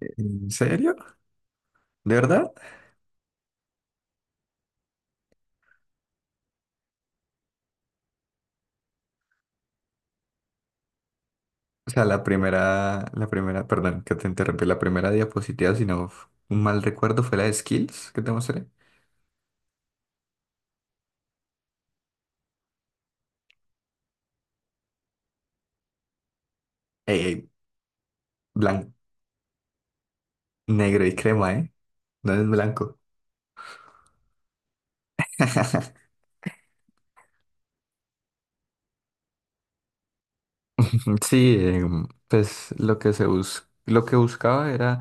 ¿En serio? ¿De verdad? O sea, la primera, perdón, que te interrumpí, la primera diapositiva, si no un mal recuerdo, fue la de Skills que te mostré. Eh, Blanco, negro y crema, ¿eh? No es blanco. Sí, pues lo que lo que buscaba era,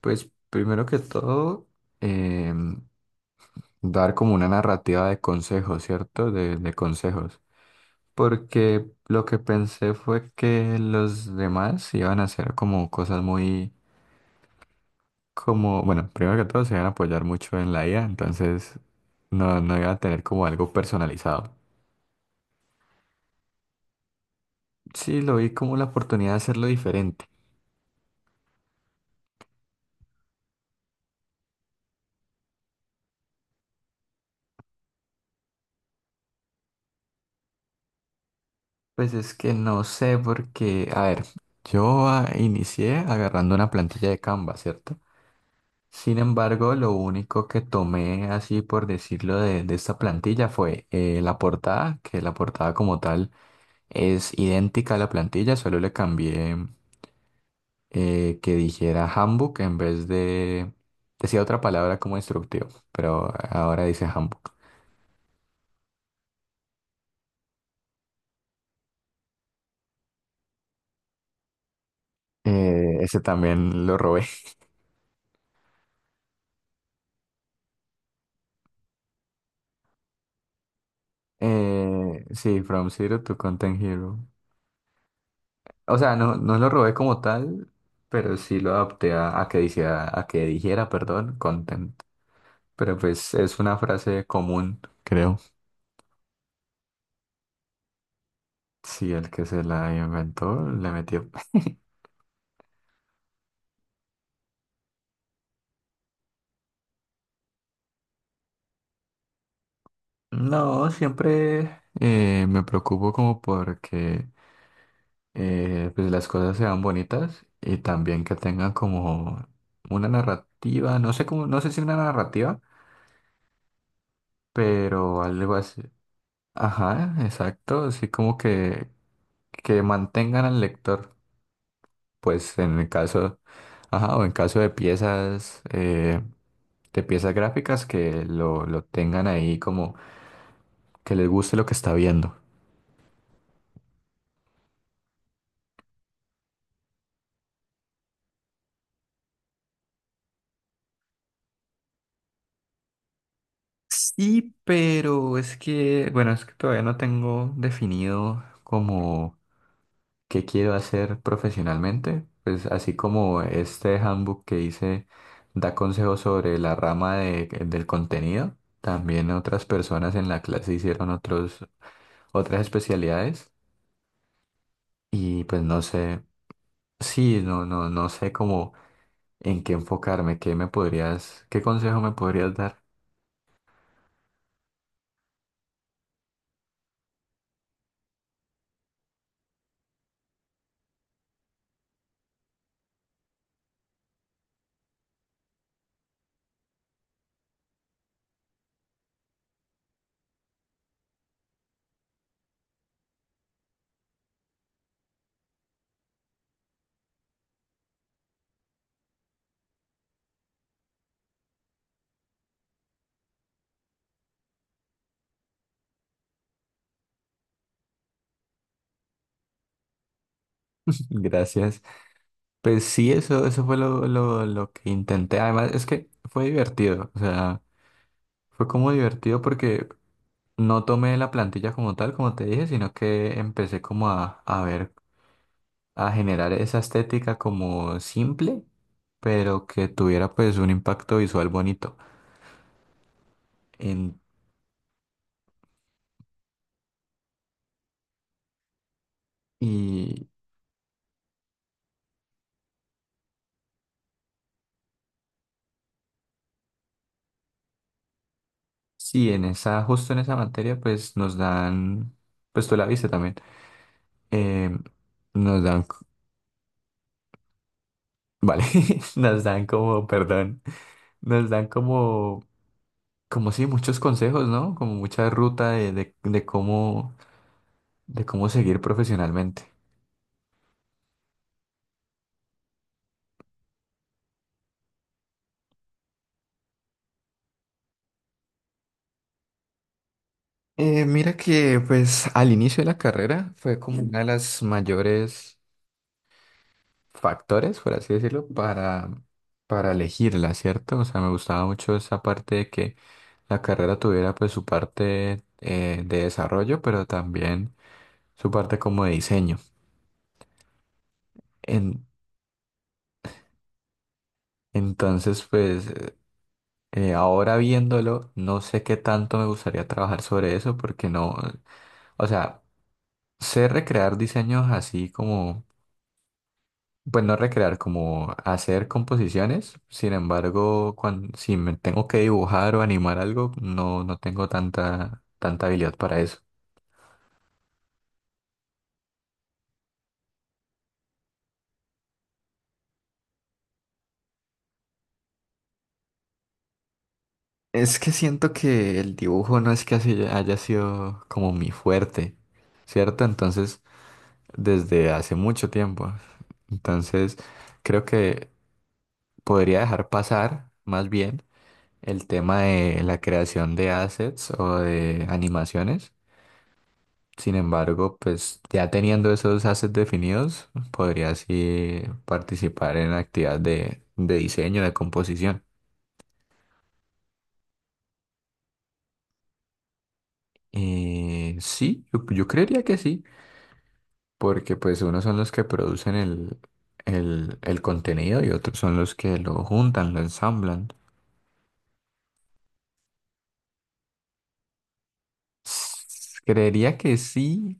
pues primero que todo, em, dar como una narrativa de consejos, ¿cierto? De consejos. Porque lo que pensé fue que los demás iban a hacer como cosas muy, como, bueno, primero que todo se iban a apoyar mucho en la IA, entonces no iba a tener como algo personalizado. Sí, lo vi como la oportunidad de hacerlo diferente. Pues es que no sé porque, a ver, yo inicié agarrando una plantilla de Canva, ¿cierto? Sin embargo, lo único que tomé así por decirlo de esta plantilla fue la portada, que la portada como tal es idéntica a la plantilla, solo le cambié que dijera handbook en vez de... Decía otra palabra como instructivo, pero ahora dice handbook. Ese también lo robé. Sí, From Zero to Content Hero. O sea, no lo robé como tal, pero sí lo adapté a que dijera, content. Pero pues es una frase común, creo. Sí, el que se la inventó le metió. No, siempre me preocupo como porque pues las cosas sean bonitas y también que tengan como una narrativa, no sé cómo, no sé si una narrativa, pero algo así. Ajá, exacto, así como que mantengan al lector, pues en el caso, ajá, o en caso de piezas gráficas que lo tengan ahí como que les guste lo que está viendo. Sí, pero es que, bueno, es que todavía no tengo definido como qué quiero hacer profesionalmente. Pues así como este handbook que hice da consejos sobre la del contenido, también otras personas en la clase hicieron otros, otras especialidades y pues no sé, sí, no sé cómo en qué enfocarme, qué me podrías, qué consejo me podrías dar. Gracias. Pues sí, eso fue lo que intenté. Además, es que fue divertido. O sea, fue como divertido porque no tomé la plantilla como tal, como te dije, sino que empecé como a ver, a generar esa estética como simple, pero que tuviera pues un impacto visual bonito. En, y sí, en esa, justo en esa materia, pues nos dan, pues tú la viste también. em, Nos dan, vale, nos dan como, perdón. Nos dan como, como sí, muchos consejos, ¿no? Como mucha ruta de cómo seguir profesionalmente. Mira que pues al inicio de la carrera fue como una de las mayores factores, por así decirlo, para elegirla, ¿cierto? O sea, me gustaba mucho esa parte de que la carrera tuviera pues su parte de desarrollo, pero también su parte como de diseño. En- entonces, pues ahora viéndolo, no sé qué tanto me gustaría trabajar sobre eso porque no, o sea, sé recrear diseños así como, pues no recrear, como hacer composiciones, sin embargo, cuando si me tengo que dibujar o animar algo, no tengo tanta habilidad para eso. Es que siento que el dibujo no es que así haya sido como mi fuerte, ¿cierto? Entonces, desde hace mucho tiempo. Entonces, creo que podría dejar pasar más bien el tema de la creación de assets o de animaciones. Sin embargo, pues ya teniendo esos assets definidos, podría así participar en actividades de diseño, de composición. Sí, yo creería que sí, porque pues unos son los que producen el contenido y otros son los que lo juntan, lo ensamblan. S- Creería que sí,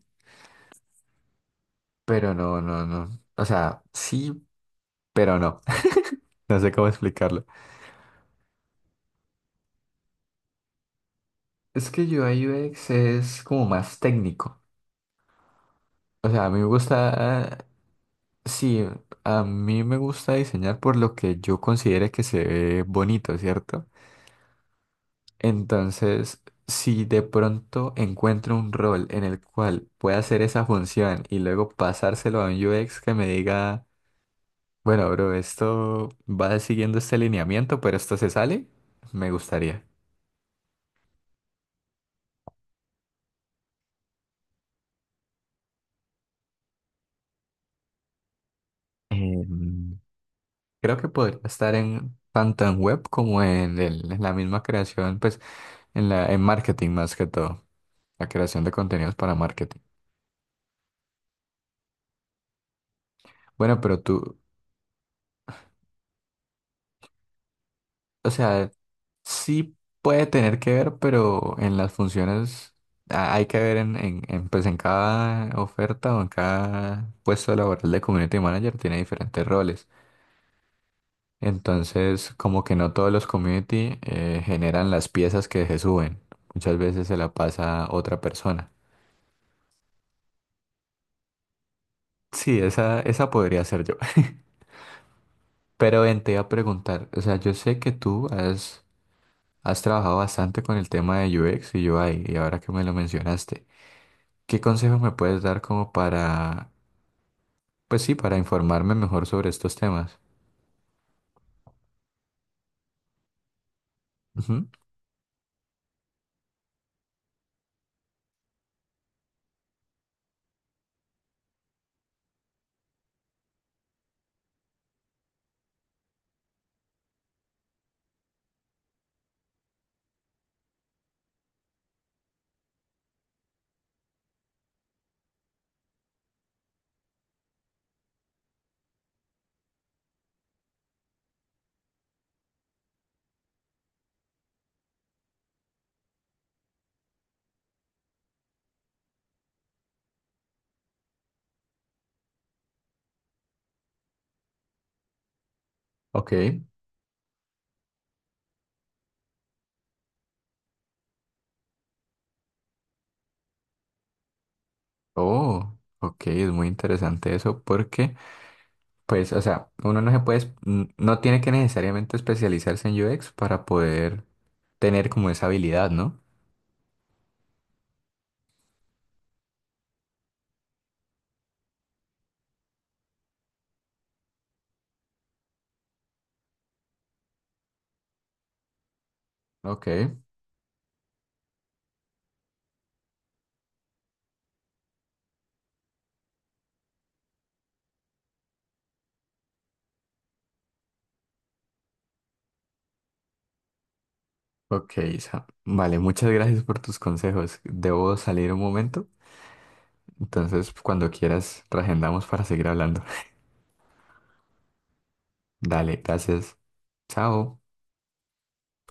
pero no. O sea, sí pero no, no sé cómo explicarlo. Es que UI UX es como más técnico. O sea, a mí me gusta, sí, a mí me gusta diseñar por lo que yo considere que se ve bonito, ¿cierto? Entonces, si de pronto encuentro un rol en el cual pueda hacer esa función y luego pasárselo a un UX que me diga, bueno, bro, esto va siguiendo este lineamiento, pero esto se sale, me gustaría. Em, Creo que podría estar en tanto en web como en, en la misma creación, pues en la en marketing más que todo, la creación de contenidos para marketing. Bueno, pero tú, o sea, sí puede tener que ver, pero en las funciones hay que ver pues en cada oferta o en cada puesto laboral de community manager tiene diferentes roles. Entonces, como que no todos los community generan las piezas que se suben. Muchas veces se la pasa otra persona. Sí, esa podría ser yo. Pero ven, te iba a preguntar, o sea, yo sé que tú has trabajado bastante con el tema de UX y UI, y ahora que me lo mencionaste, ¿qué consejos me puedes dar como para, pues sí, para informarme mejor sobre estos temas? Ujú, ok, oh, ok, es muy interesante eso porque, pues, o sea, uno no se puede, no tiene que necesariamente especializarse en UX para poder tener como esa habilidad, ¿no? Ok. Ok, Isa. Vale, muchas gracias por tus consejos. Debo salir un momento, entonces cuando quieras, reagendamos para seguir hablando. Dale, gracias. Chao.